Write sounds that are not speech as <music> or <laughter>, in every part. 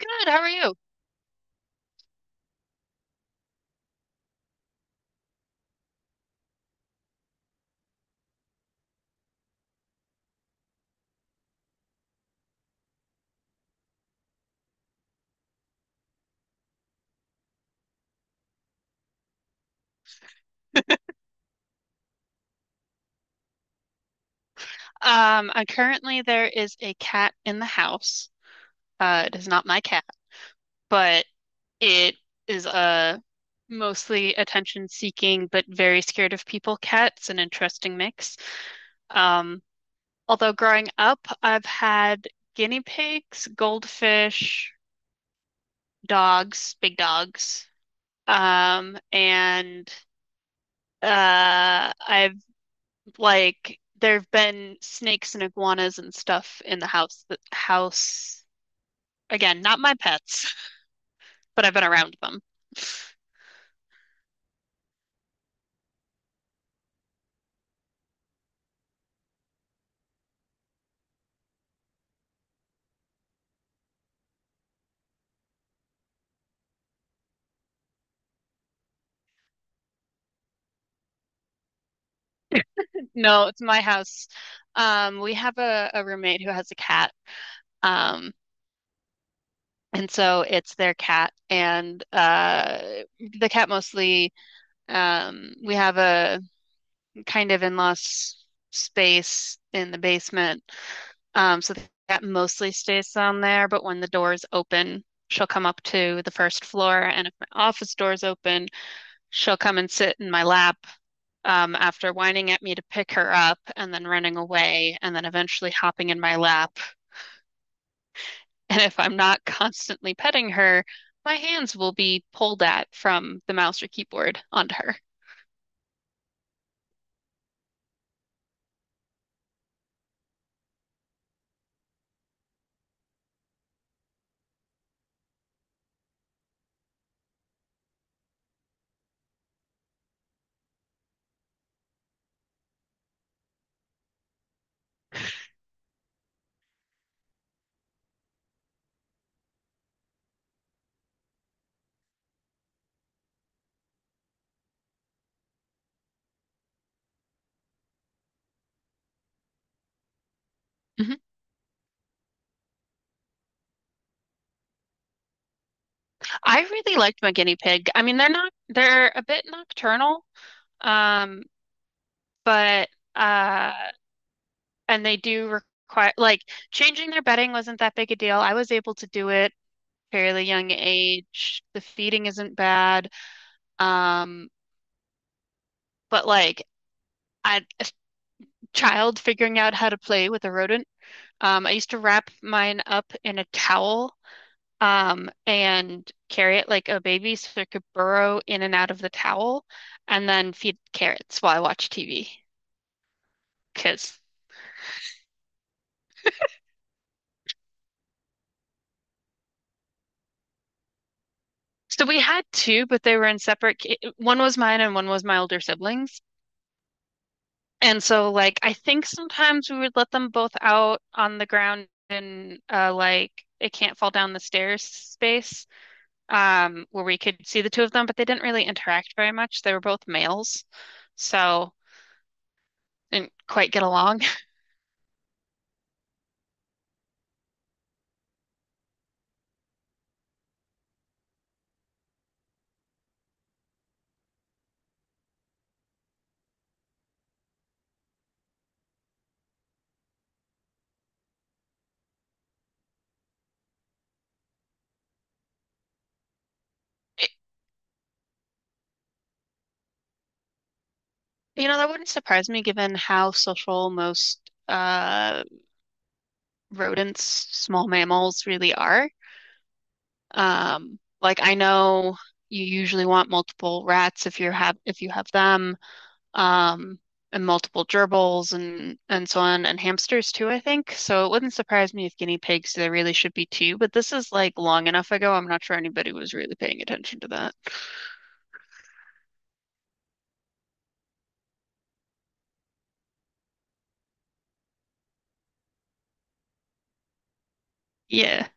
Good, how are you? I currently there is a cat in the house. It is not my cat, but it is a mostly attention-seeking but very scared of people cat. It's an interesting mix. Um, Although growing up, I've had guinea pigs, goldfish, dogs, big dogs, and I've like there have been snakes and iguanas and stuff in the house. The house again, not my pets, but I've been around them. No, it's my house. We have a roommate who has a cat. Um, and so it's their cat and the cat mostly we have a kind of in lost space in the basement. So that mostly stays down there. But when the door is open, she'll come up to the first floor. And if my office door is open, she'll come and sit in my lap, after whining at me to pick her up and then running away and then eventually hopping in my lap. <laughs> And if I'm not constantly petting her, my hands will be pulled at from the mouse or keyboard onto her. Mm-hmm. I really liked my guinea pig. I mean, they're not, they're a bit nocturnal. Um, but uh and they do require like changing their bedding wasn't that big a deal. I was able to do it fairly young age. The feeding isn't bad. Um, but like a child figuring out how to play with a rodent. I used to wrap mine up in a towel, and carry it like a baby so it could burrow in and out of the towel and then feed carrots while I watch TV because so we had two, but they were in separate. One was mine and one was my older siblings. And so, like, I think sometimes we would let them both out on the ground in like it can't fall down the stairs space, where we could see the two of them, but they didn't really interact very much. They were both males, so didn't quite get along. <laughs> It- you know, that wouldn't surprise me given how social most uh rodents, small mammals really are. Like I know you usually want multiple rats if you have them, um, and multiple gerbils and so on, and hamsters too, I think. So it wouldn't surprise me if guinea pigs there really should be two, but this is like long enough ago. I'm not sure anybody was really paying attention to that. Yeah.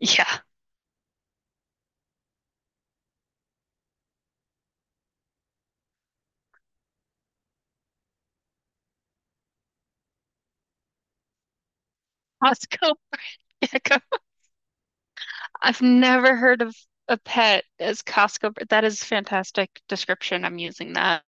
Yeah. Costco <laughs> gecko. I've never heard of a pet as Costco. That is fantastic description. I'm using that.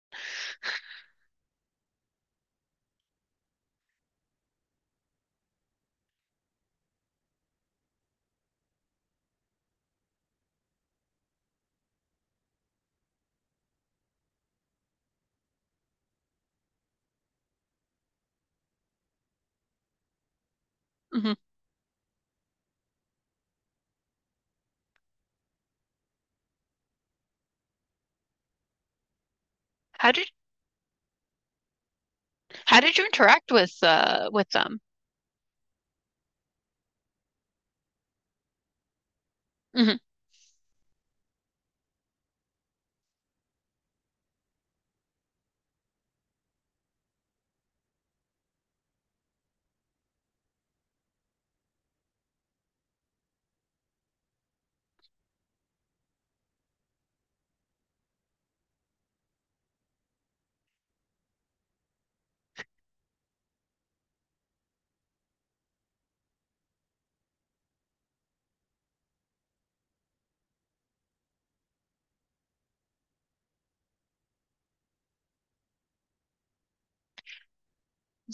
Mhm. How did How did you interact with them? Hmm.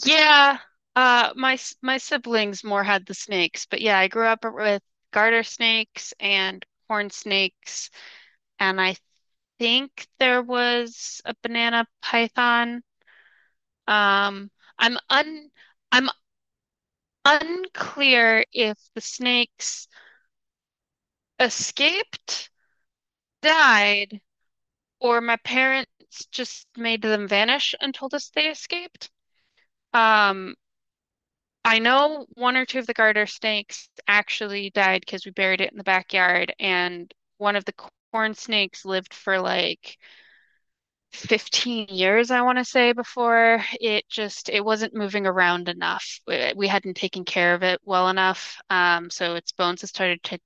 Yeah, my siblings more had the snakes, but yeah, I grew up with garter snakes and horn snakes, and I think there was a banana python. Um, I'm un I'm unclear if the snakes escaped, died, or my parents just made them vanish and told us they escaped. Um, I know one or two of the garter snakes actually died because we buried it in the backyard, and one of the corn snakes lived for like 15 years, I want to say, before it just it wasn't moving around enough. We hadn't taken care of it well enough, so its bones had started to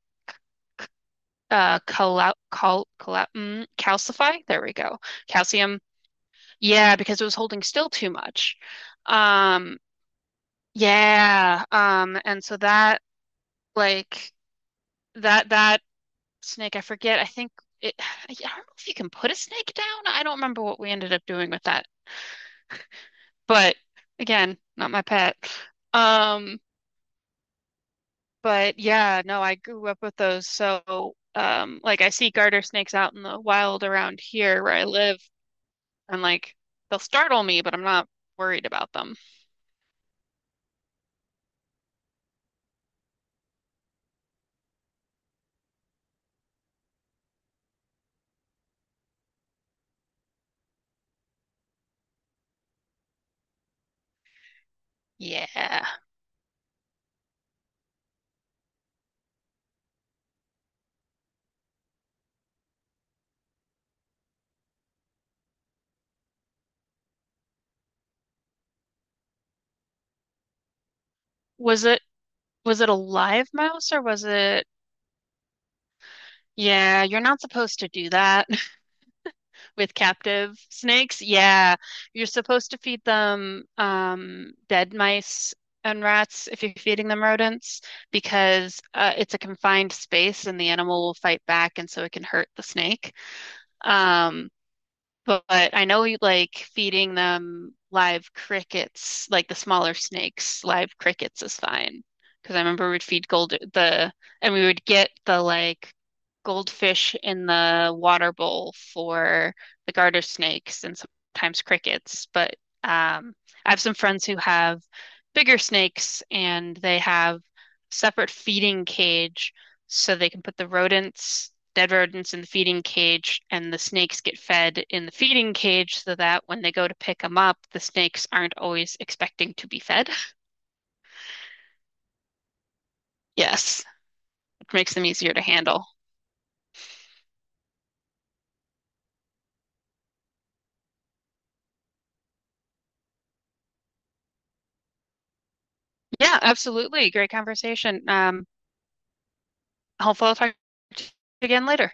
calcify. There we go. Calcium. Yeah, because it was holding still too much. Um, yeah. And so that like that snake, I forget. I think it, <sighs> I don't know if you can put a snake down. I don't remember what we ended up doing with that. But again, not my pet. Um, but yeah, no, I grew up with those. So, like I see garter snakes out in the wild around here where I live, and like they'll startle me, but I'm not worried about them. Yeah. Was it a live mouse or was it? Yeah, you're not supposed to do that with captive snakes. Yeah, you're supposed to feed them dead mice and rats if you're feeding them rodents because it's a confined space and the animal will fight back and so it can hurt the snake. Um, but, I know you like feeding them live crickets, like the smaller snakes, live crickets is fine. Because I remember we'd feed and we would get the like goldfish in the water bowl for the garter snakes and sometimes crickets. But um, I have some friends who have bigger snakes and they have separate feeding cage so they can put the rodents, dead rodents in the feeding cage and the snakes get fed in the feeding cage so that when they go to pick them up, the snakes aren't always expecting to be fed. Yes, which makes them easier to handle. Yeah, absolutely. Great conversation. Hopefully I'll talk to you again later.